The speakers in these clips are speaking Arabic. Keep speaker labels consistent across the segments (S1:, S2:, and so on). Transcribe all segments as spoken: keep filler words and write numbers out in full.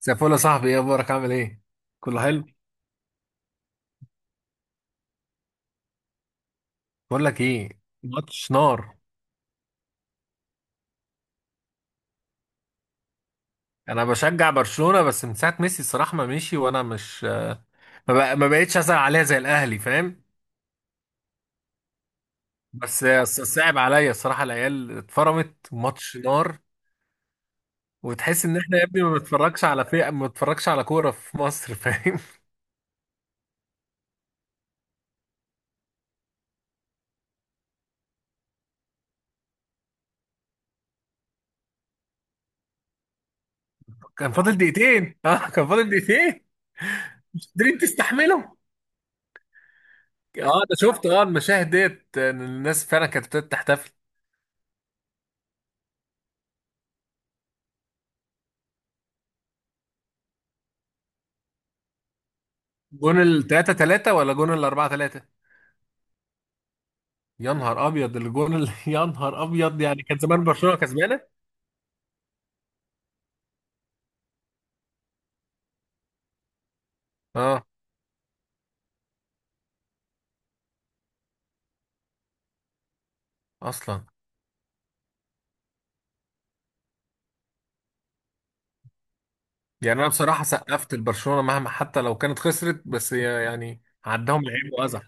S1: سيفول يا صاحبي، ايه اخبارك؟ عامل ايه؟ كله حلو. بقول لك ايه. مش نار. انا بشجع برشلونة بس من ساعة ميسي الصراحة ما مشي، وانا مش ما بق- ما بقتش ازعل عليها زي الاهلي، فاهم. بس ص- صعب عليا الصراحة، العيال اتفرمت، ماتش نار. وتحس ان احنا يا ابني ما بنتفرجش على فئة، ما بنتفرجش على كورة في مصر، فاهم. كان فاضل دقيقتين، اه كان فاضل دقيقتين. مش قادرين تستحملوا. اه، انا شفت اه المشاهد ديت إن الناس فعلا كانت بتحتفل. جون ال تلاته تلاته ولا جون ال اربعه تلاته؟ يا نهار ابيض، الجون اللي يا نهار ابيض يعني كان زمان برشلونه كسبانه. اه اصلا. يعني انا بصراحه سقفت لبرشلونه مهما، حتى لو كانت خسرت، بس هي يعني عداهم لعيب واذى.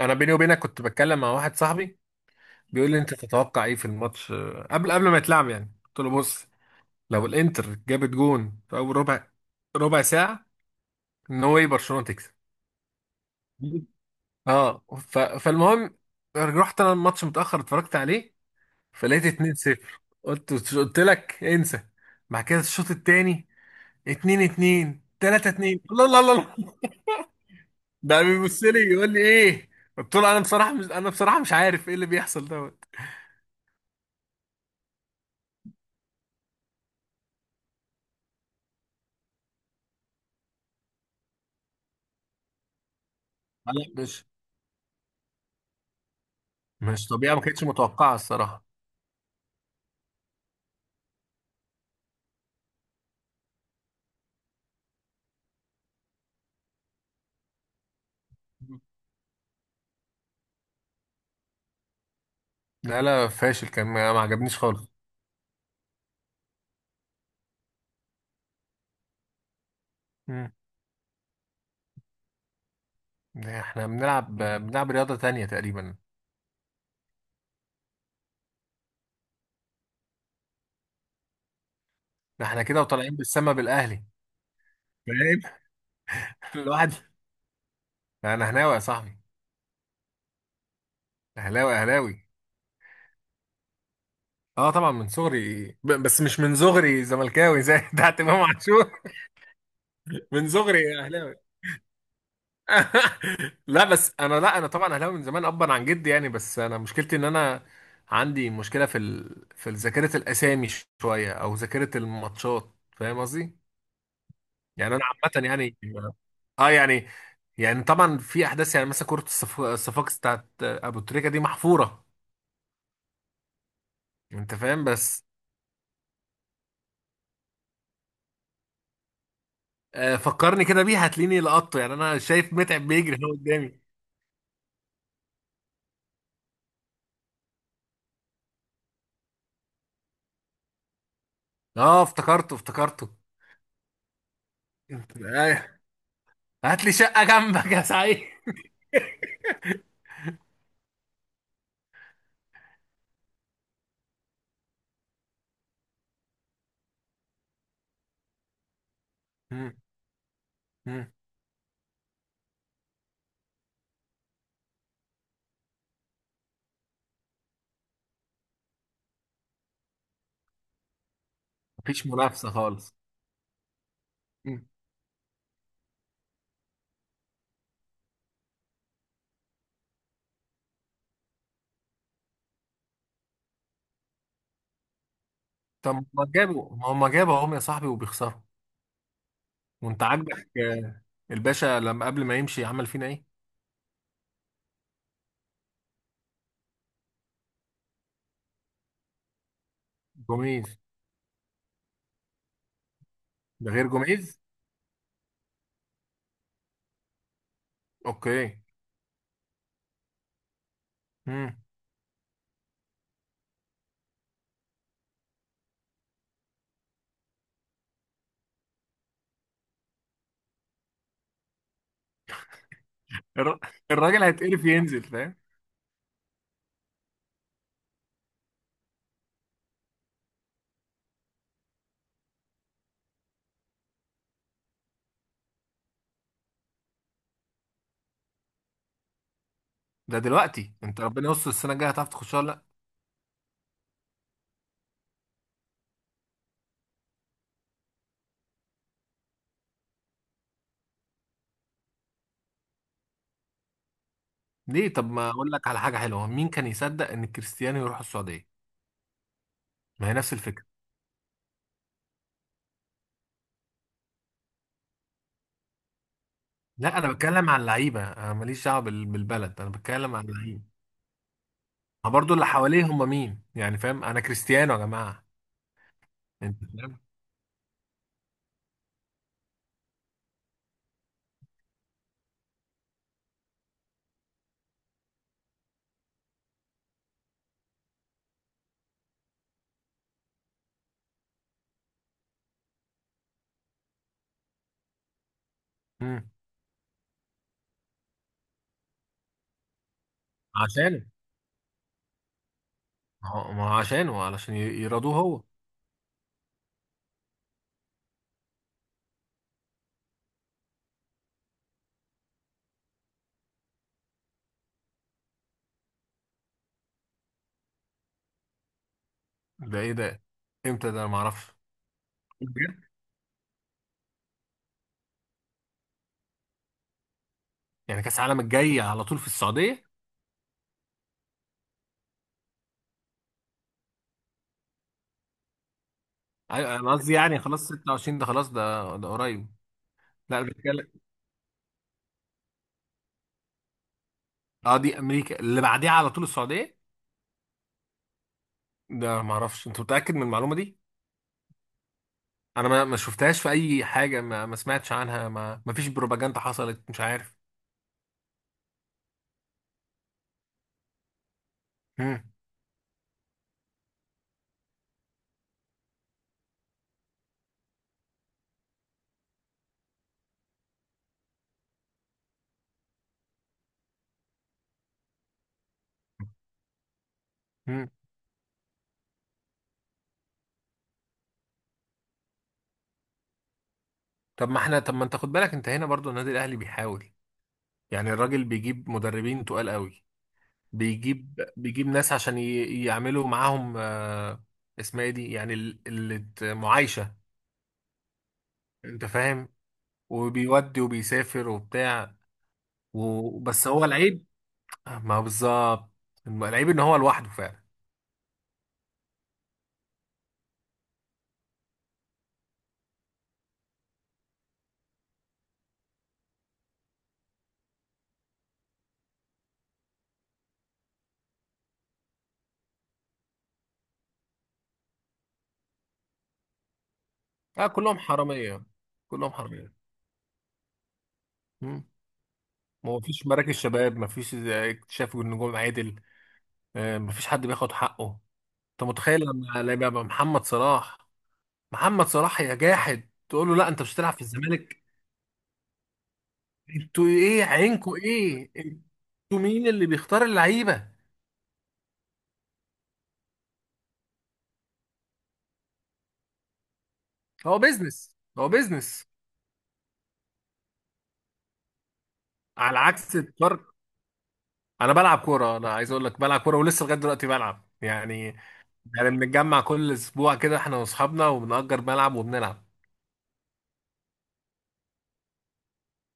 S1: انا بيني وبينك كنت بتكلم مع واحد صاحبي بيقول لي انت تتوقع ايه في الماتش، آه، قبل قبل ما يتلعب، يعني قلت له بص، لو الانتر جابت جون في اول ربع ربع ساعه، ان هو ايه برشلونه تكسب. اه ف... فالمهم، رحت انا الماتش متاخر اتفرجت عليه، فلقيت اتنين صفر، قلت قلت لك انسى. بعد كده الشوط التاني اتنين اتنين، تلاته اتنين، الله الله الله الله. ده بيبص لي يقول لي ايه. قلت له انا بصراحه مش، انا بصراحه مش عارف ايه اللي بيحصل دوت. لا مش مش طبيعه، ما كانتش متوقعه الصراحه. لا لا فاشل كان، ما ما عجبنيش خالص. مم. ده احنا بنلعب بنلعب رياضه تانية تقريبا. ده احنا كده وطالعين بالسما بالاهلي، فاهم. الواحد. ده انا هناوي يا صاحبي. اهلاوي اهلاوي. اه طبعا من صغري، ب- بس مش من صغري زملكاوي زي بتاعت امام عاشور. من صغري اهلاوي. لا بس انا، لا انا طبعا اهلاوي من زمان ابا عن جدي يعني، بس انا مشكلتي ان انا عندي مشكله في ال... في ذاكره الاسامي شويه، او ذاكره الماتشات، فاهم قصدي. يعني انا عامه يعني، اه يعني، يعني طبعا في احداث، يعني مثلا كره الصف... الصفاقس بتاعت ابو تريكه دي محفوره. انت فاهم. بس آه، فكرني كده بيها هتلاقيني لقطته، يعني انا شايف متعب بيجري هو قدامي. اه افتكرته افتكرته. انت ايوه. هات لي شقة جنبك يا سعيد. مم. مم. مفيش منافسة خالص. مم. طب ما جابوا، ما هم جابوا اهم يا صاحبي وبيخسروا. وانت عاجبك آه، الباشا لما قبل ما يمشي عمل فينا ايه؟ جوميز. ده غير جوميز؟ اوكي. مم. الر- الراجل هيتقرف ينزل، فاهم؟ ده دلوقتي، انت ربنا يستر، السنة الجاية هتعرف تخشها ولا لا؟ ليه؟ طب ما اقول لك على حاجة حلوة، مين كان يصدق ان كريستيانو يروح السعودية؟ ما هي نفس الفكرة. لا انا بتكلم عن اللعيبه، انا ماليش دعوه بال- بالبلد، انا بتكلم عن اللعيبه. ما برضو اللي حواليه هم مين يعني، فاهم، انا كريستيانو يا جماعه. انت فاهم. امم. عشانه. ما هو ما هو عشانه، علشان ي- يرضوه هو. ده ايه ده؟ امتى ده؟ انا ما اعرفش. بجد؟ يعني كاس العالم الجاي على طول في السعوديه؟ ايوه انا قصدي، يعني خلاص ستة وعشرين، ده خلاص ده ده قريب. لا بتكلم. اه، دي امريكا اللي بعديها على طول السعوديه. ده ما اعرفش، انت متاكد من المعلومه دي؟ انا ما ما شفتهاش في اي حاجه، ما, ما سمعتش عنها، ما ما فيش بروباجندا حصلت، مش عارف. مم. مم. طب ما احنا، طب ما انت خد بالك، انت هنا برضو النادي الاهلي بيحاول، يعني الراجل بيجيب مدربين تقال قوي. بيجيب بيجيب ناس عشان ي- يعملوا معاهم آه، اسمها ايه دي، يعني ال- ال- معايشه. انت فاهم. وبيودي وبيسافر وبتاع، وبس هو العيب. ما هو بالظبط، العيب ان هو لوحده فعلا. اه كلهم حراميه. كلهم حراميه. مم. ما هو فيش مراكز شباب، ما فيش اكتشاف نجوم عادل، آه، ما فيش حد بياخد حقه. انت متخيل لما لما يبقى محمد صلاح، محمد صلاح يا جاحد تقول له لا انت مش هتلعب في الزمالك؟ انتوا ايه، عينكوا ايه، انتوا مين اللي بيختار اللعيبه؟ هو بيزنس هو بيزنس. على عكس الفرق. انا بلعب كوره، انا عايز اقول لك بلعب كوره ولسه لغايه دلوقتي بلعب يعني. يعني بنتجمع كل اسبوع كده احنا واصحابنا وبنأجر ملعب وبنلعب.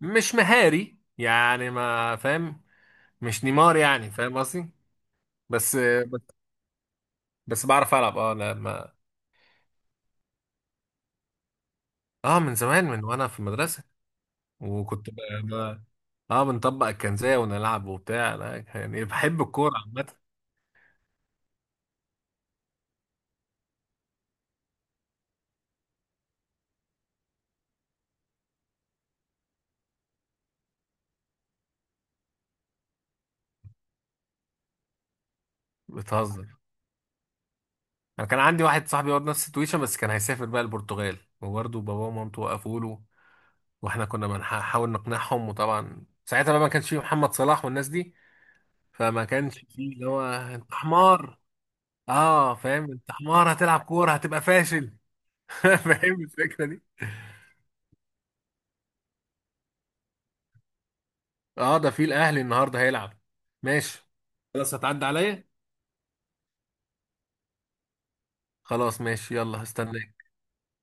S1: مش مهاري يعني، ما فاهم، مش نيمار يعني، فاهم قصدي. بس بس بس بعرف العب. اه لما، اه، من زمان من وانا في المدرسه، وكنت ب... ب... اه بنطبق الكنزيه ونلعب وبتاع، لا يعني بحب الكوره عامه. بتهزر. انا كان عندي واحد صاحبي برضه نفس التويشه، بس كان هيسافر بقى البرتغال، وبرضه باباه ومامته وقفوا له، واحنا كنا بنحاول نقنعهم، وطبعا ساعتها بقى ما كانش فيه محمد صلاح والناس دي، فما كانش فيه اللي هو انت حمار. اه فاهم، انت حمار هتلعب كوره هتبقى فاشل. فاهم الفكره. اه ده في الاهلي النهارده هيلعب. ماشي خلاص. هتعدي عليا. خلاص ماشي، يلا هستناك.